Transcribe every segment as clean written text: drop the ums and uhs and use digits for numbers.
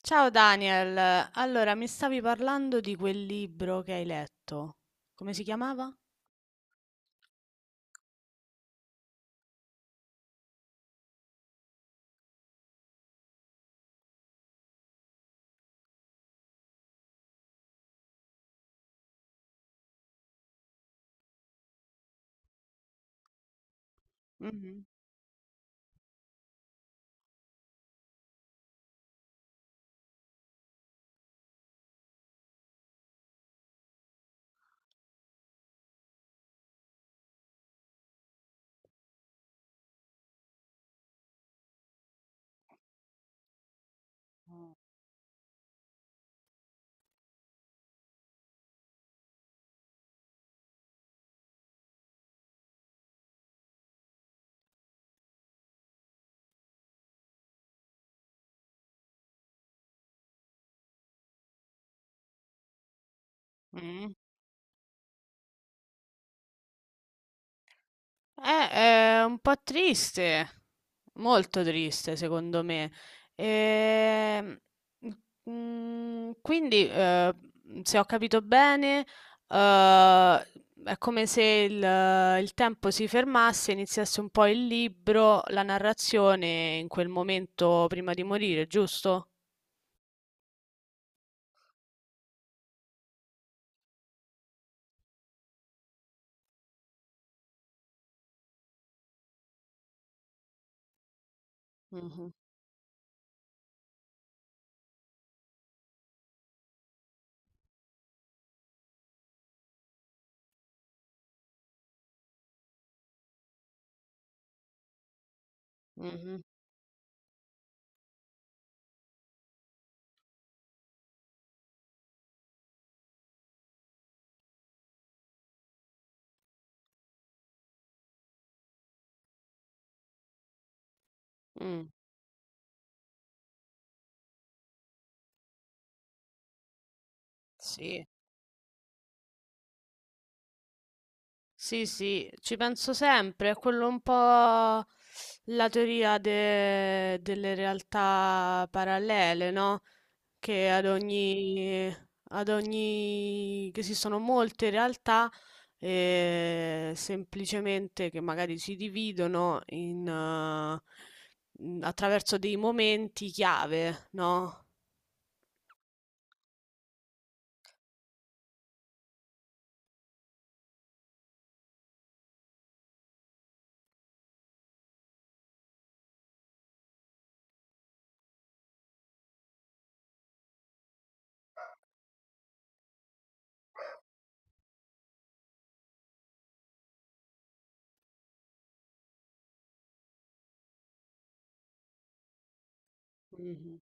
Ciao Daniel, allora mi stavi parlando di quel libro che hai letto. Come si chiamava? Mhm. Mm. È un po' triste, molto triste secondo me. Ehm, quindi, se ho capito bene, eh, è come se il tempo si fermasse, iniziasse un po' il libro, la narrazione in quel momento prima di morire, giusto? Mhm, mm, sì, sì, sì, ci penso sempre, è quello un po' la teoria delle realtà parallele, no? Che ad ogni, che esistono molte realtà, semplicemente che magari si dividono in, attraverso dei momenti chiave, no? Mhm.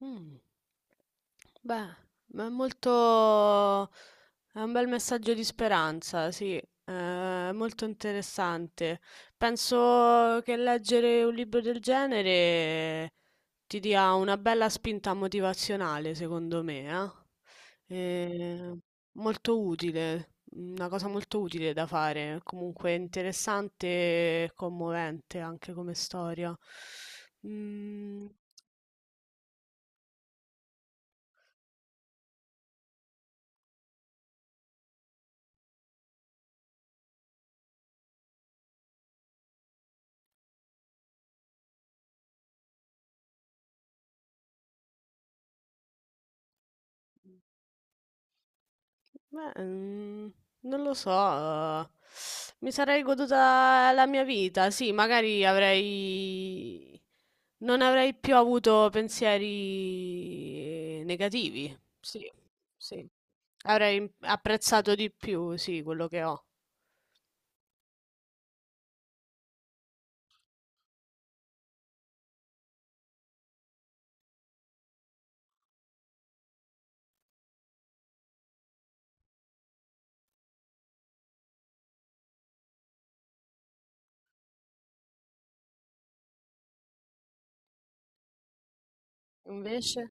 Mm. Beh, ma è molto... è un bel messaggio di speranza, sì, è molto interessante. Penso che leggere un libro del genere ti dia una bella spinta motivazionale, secondo me, eh? Molto utile, una cosa molto utile da fare, comunque interessante e commovente anche come storia. Mm. Beh, non lo so, mi sarei goduta la mia vita. Sì, magari avrei non avrei più avuto pensieri negativi. Sì, sì. Avrei im apprezzato di più, sì, quello che ho. Invece?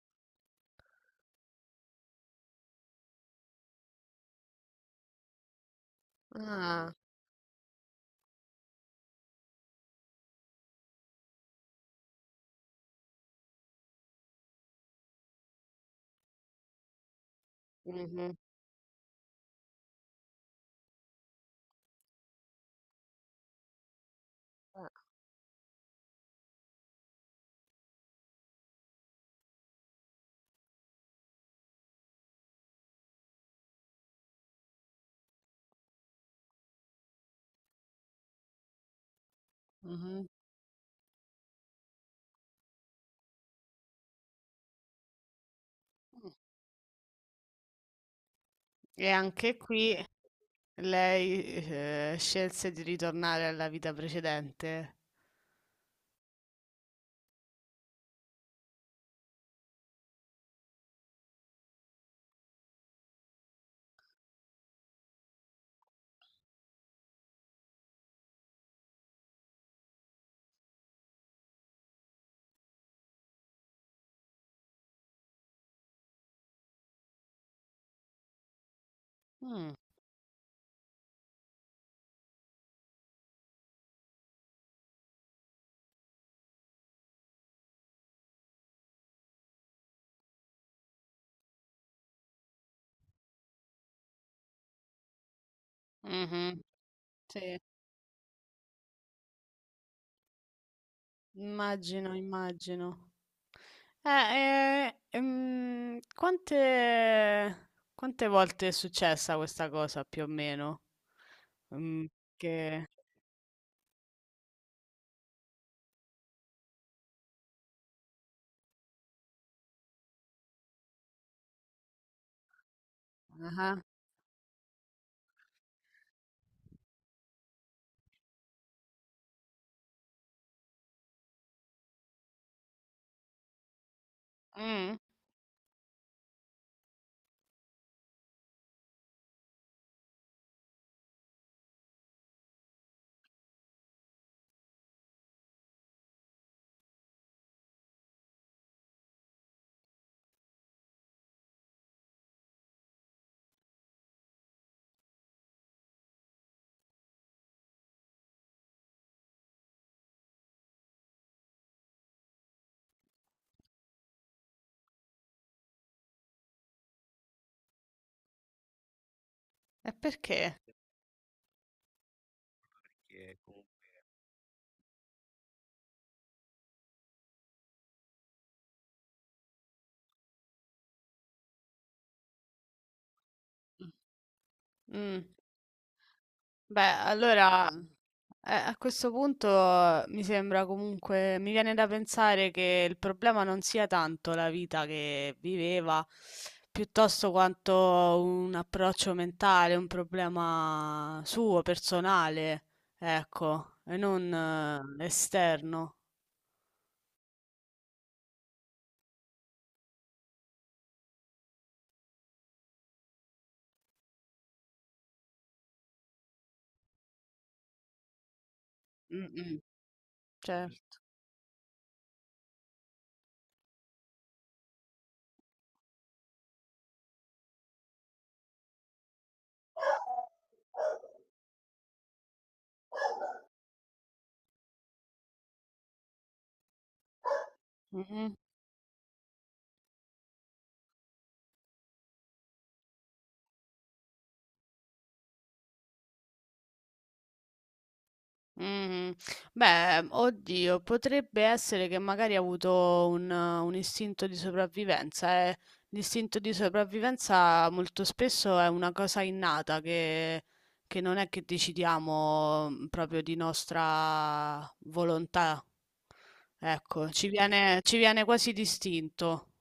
Ah, mh-mh, ah, mh-mh. Mh. E anche qui lei, scelse di ritornare alla vita precedente? Mh, mh-mh, sì. Immagino, immagino. Quante, volte è successa questa cosa più o meno? Mm, che... Ah, mm. E perché? Mm. Beh, allora a questo punto mi sembra comunque, mi viene da pensare che il problema non sia tanto la vita che viveva, piuttosto quanto un approccio mentale, un problema suo, personale, ecco, e non esterno. Mm, mm, certo. Mh-mh. Beh, oddio, potrebbe essere che magari ha avuto un istinto di sopravvivenza, eh. L'istinto di sopravvivenza molto spesso è una cosa innata che non è che decidiamo, proprio di nostra volontà. Ecco, ci viene quasi d'istinto.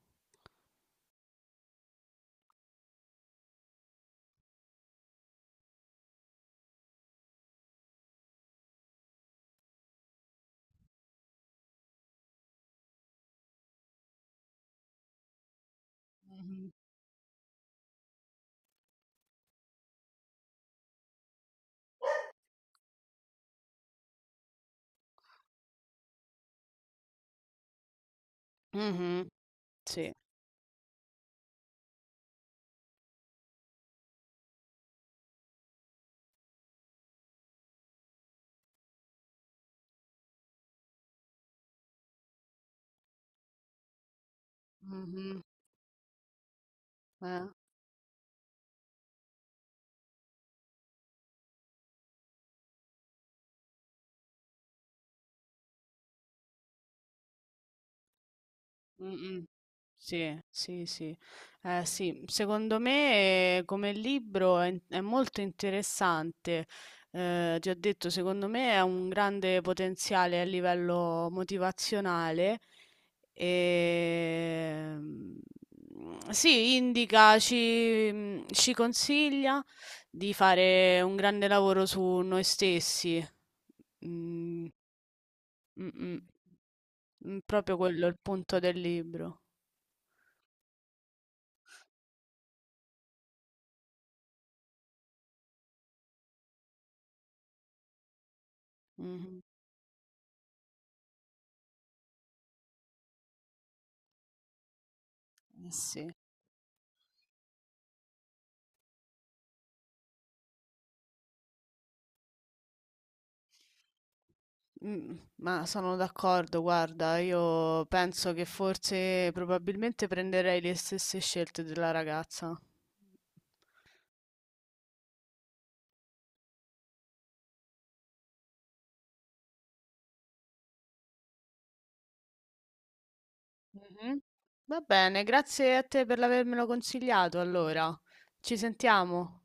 Mh-mh. Mh-mh. Sì. Mh-mh. Eh. Mh-mh. Sì, sì, sì. Eh sì, secondo me come libro è molto interessante. Ti ho detto, secondo me ha un grande potenziale a livello motivazionale. Ehm, sì, indica, ci consiglia di fare un grande lavoro su noi stessi. Mhmm, mh-mh. Proprio quello è il punto del libro. Mh-mh. Eh sì. Ma sono d'accordo, guarda, io penso che forse probabilmente prenderei le stesse scelte della ragazza. Mh-mh. Va bene, grazie a te per avermelo consigliato allora. Ci sentiamo.